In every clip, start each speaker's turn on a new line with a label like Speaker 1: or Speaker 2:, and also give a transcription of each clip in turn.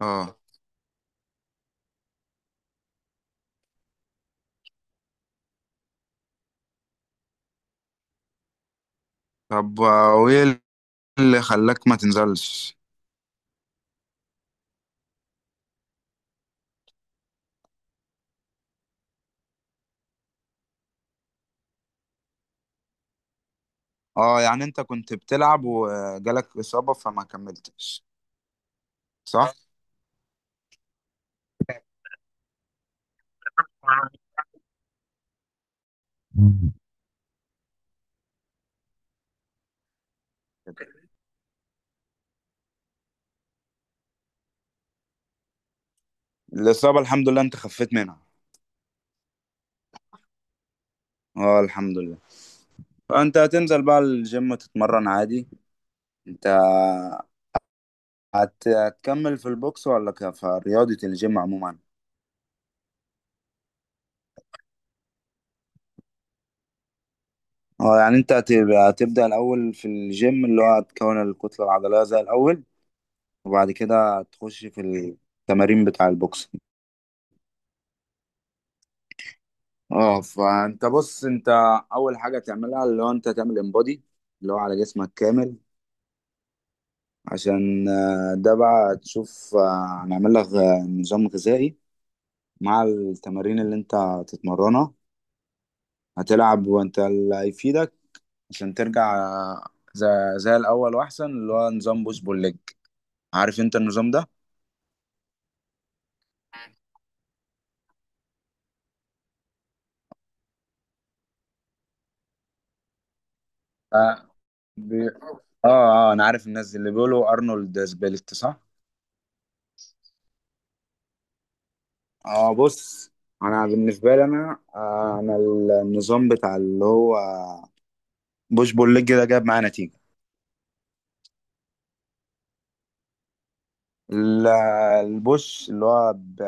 Speaker 1: اه. طب، وايه اللي خلاك ما تنزلش؟ اه، يعني انت كنت بتلعب وجالك اصابة فما كملتش، صح؟ الاصابة الحمد لله انت خفيت منها؟ اه، الحمد لله. فانت هتنزل بقى الجيم تتمرن عادي، انت هتكمل في البوكس ولا في رياضة الجيم عموما؟ اه، يعني انت هتبدأ الاول في الجيم، اللي هو هتكون الكتلة العضلية زي الاول، وبعد كده تخش في التمارين بتاع البوكس. اه، فانت بص، انت اول حاجه تعملها اللي هو انت تعمل انبادي، اللي هو على جسمك كامل، عشان ده بقى تشوف، هنعمل لك نظام غذائي مع التمارين اللي انت هتتمرنها، هتلعب وانت اللي هيفيدك، عشان ترجع زي, زي الاول واحسن، اللي هو نظام بوش بول ليج. عارف انت النظام ده؟ اه. بي... انا عارف الناس اللي بيقولوا ارنولد سبليت، صح. اه، بص، انا بالنسبه لي انا النظام بتاع اللي هو بوش بول ليج ده جاب معايا نتيجه. ال- البوش اللي هو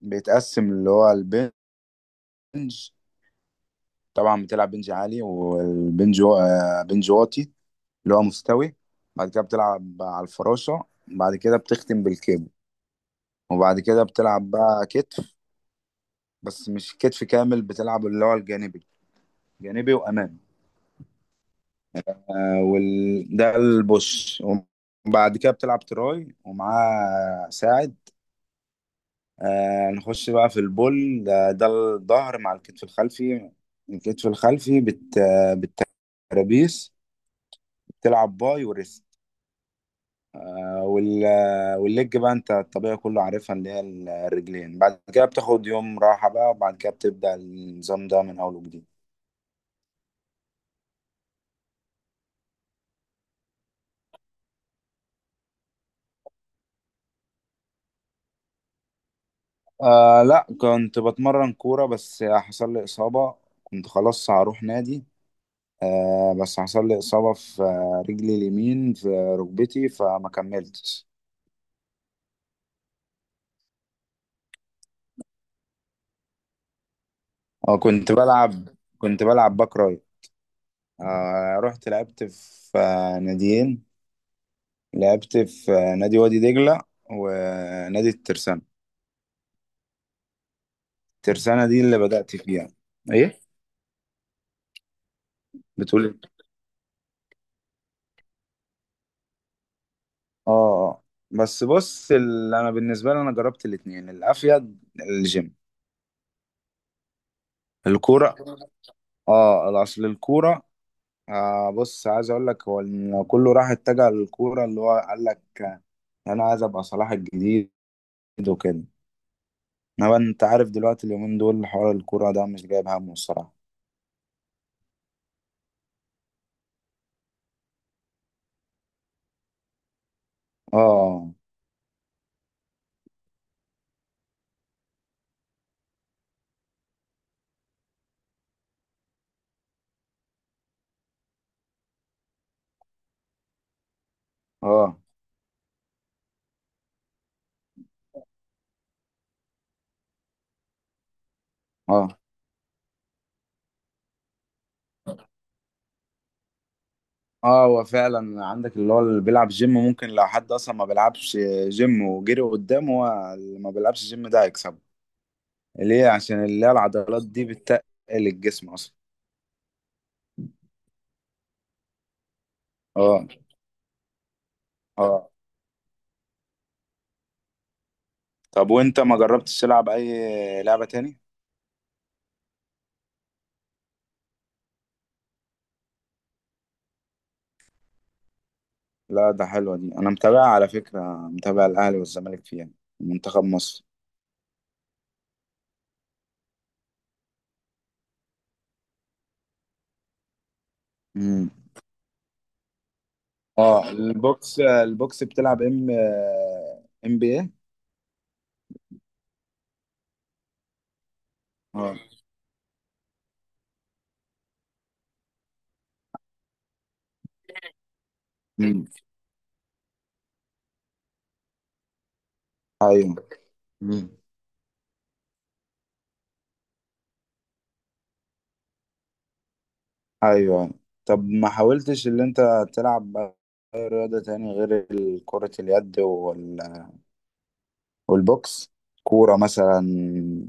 Speaker 1: بيتقسم اللي هو البنج. طبعا بتلعب بنج عالي، والبنج بنج واطي اللي هو مستوي. بعد كده بتلعب على الفراشه، بعد كده بتختم بالكيبل. وبعد كده بتلعب بقى كتف، بس مش كتف كامل، بتلعب اللي هو الجانبي، جانبي وامامي. ده البوش. وبعد كده بتلعب تراي ومعاه ساعد. نخش بقى في البول ده الظهر مع الكتف الخلفي. الكتف الخلفي بت... آه، بالترابيس، بتلعب باي وريست. والليج بقى انت الطبيعي كله عارفها، اللي هي الرجلين. بعد كده بتاخد يوم راحة بقى، وبعد كده بتبدأ النظام ده من أول وجديد. لا، كنت بتمرن كورة بس حصل لي إصابة. كنت خلاص هروح نادي، بس حصل لي إصابة في رجلي اليمين، في ركبتي، فما كملتش. اه. كنت بلعب باك رايت. رحت لعبت في ناديين، لعبت في نادي وادي دجلة، ونادي الترسانة. الترسانة دي اللي بدأت فيها، ايه. بتقول إيه؟ اه، آه. بس بص، انا بالنسبة لي انا جربت الاتنين، الافيد الجيم. الكورة. اه، اصل الكورة. بص، عايز اقول لك هو إن كله راح اتجه للكوره، اللي هو قال لك انا عايز ابقى صلاح الجديد وكده. انما انت عارف دلوقتي اليومين دول حوار الكوره ده مش جايب همه الصراحه. اه، اه، اه، اه، هو فعلا عندك اللي هو اللي بيلعب جيم، ممكن لو حد اصلا ما بيلعبش جيم وجري قدامه، هو اللي ما بيلعبش جيم ده هيكسبه. ليه؟ عشان اللي هي العضلات دي بتتقل الجسم اصلا. اه، اه. طب، وانت ما جربتش تلعب اي لعبه تاني؟ لا، ده حلوة دي، أنا متابعها على فكرة، متابع الأهلي والزمالك فيها، منتخب مصر. امم اه، البوكس، البوكس بتلعب ام، ام بي ايه؟ اه. مم. ايوه. مم. ايوه. طب، ما حاولتش اللي انت تلعب اي رياضة تاني غير كرة اليد والبوكس؟ كورة مثلا،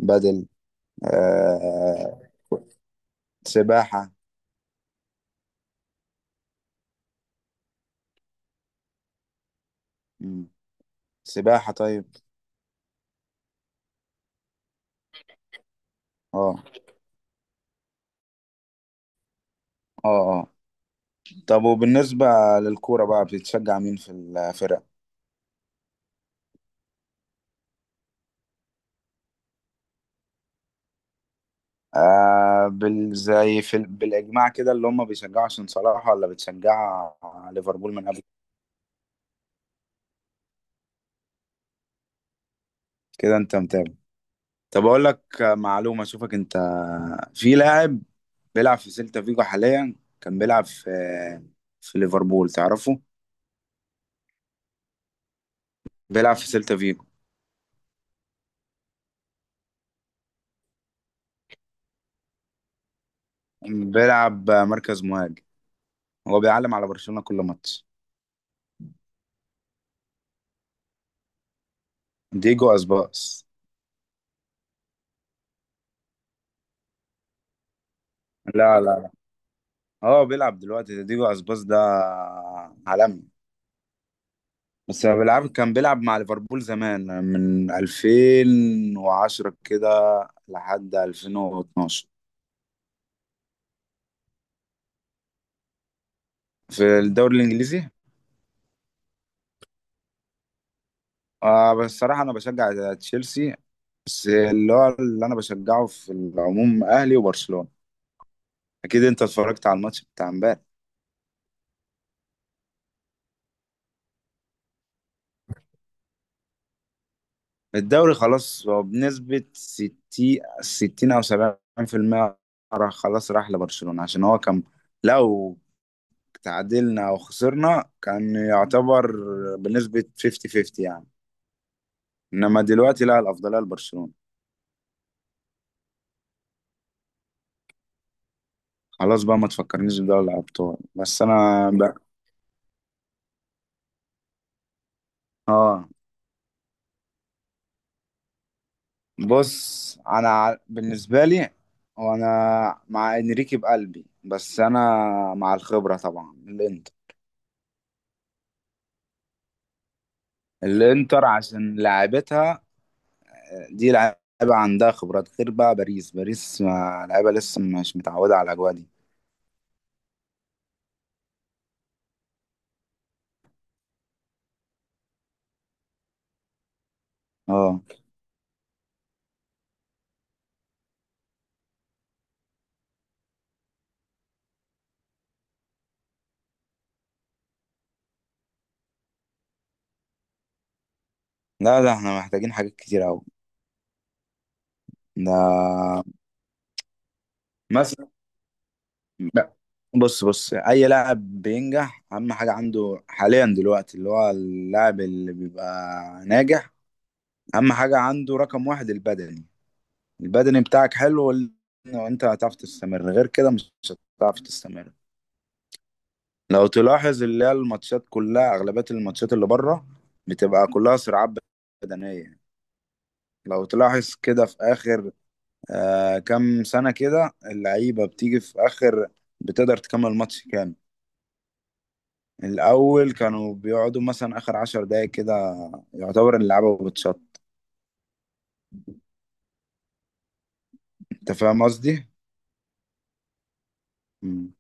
Speaker 1: بدل آه... سباحة. مم. سباحة، طيب. اه. اه، آه. طب، وبالنسبة للكورة بقى، بتشجع مين في الفرق؟ آه بال زي بالإجماع كده اللي هم بيشجعوا عشان صلاح، ولا بتشجع ليفربول من قبل؟ كده أنت متابع. طب، أقول لك معلومة أشوفك أنت. في لاعب بيلعب في سيلتا فيجو حاليا، كان بيلعب في ليفربول، تعرفه؟ بيلعب في سيلتا فيجو. بيلعب مركز مهاجم، هو بيعلم على برشلونة كل ماتش. ديجو أسباس. لا، لا. اه، بيلعب دلوقتي، ده ديجو اسباس، ده عالمي. بس هو كان بيلعب مع ليفربول زمان من 2010 كده لحد 2012، في الدوري الانجليزي. بس الصراحه انا بشجع تشيلسي، بس اللي هو اللي انا بشجعه في العموم اهلي وبرشلونه. اكيد انت اتفرجت على الماتش بتاع امبارح. الدوري خلاص، هو بنسبه 60، 60 او 70%، راح خلاص، راح لبرشلونه. عشان هو كان لو تعادلنا او خسرنا، كان يعتبر بنسبة 50-50 يعني، انما دلوقتي لا، الافضلية لبرشلونة. خلاص بقى ما تفكرنيش بدوري الابطال بس انا بقى. اه، بص، انا بالنسبة لي، وانا مع انريكي بقلبي، بس انا مع الخبرة طبعا الانتر. الانتر عشان لعيبتها دي لعيبة، عندها خبرات، غير بقى باريس. باريس لعيبة لسه مش متعودة على الاجواء دي. اه، لا، ده احنا محتاجين حاجات كتير قوي. ده مثلا، ب- بص بص، اي لاعب بينجح اهم حاجه عنده حاليا دلوقتي، اللي هو اللاعب اللي بيبقى ناجح، اهم حاجه عنده رقم واحد البدني. البدني بتاعك حلو وانت هتعرف تستمر، غير كده مش هتعرف تستمر. لو تلاحظ اللي هي الماتشات كلها، اغلبيه الماتشات اللي بره بتبقى كلها صراعات بدنيه. لو تلاحظ كده في اخر كام سنه كده، اللعيبه بتيجي في اخر بتقدر تكمل ماتش كامل. الأول كانوا بيقعدوا مثلا آخر 10 دقايق كده، يعتبر اللعبة بتشط. أنت فاهم قصدي؟ مم.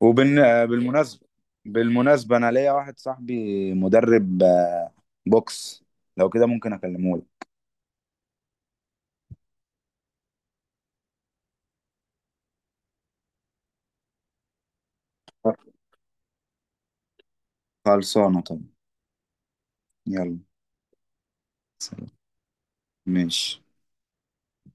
Speaker 1: وبال آه، بالمناسبة، بالمناسبة، أنا ليا واحد صاحبي مدرب بوكس، لو كده ممكن أكلمه لك. خلصانة طبعا. يلا، سلام. ماشي.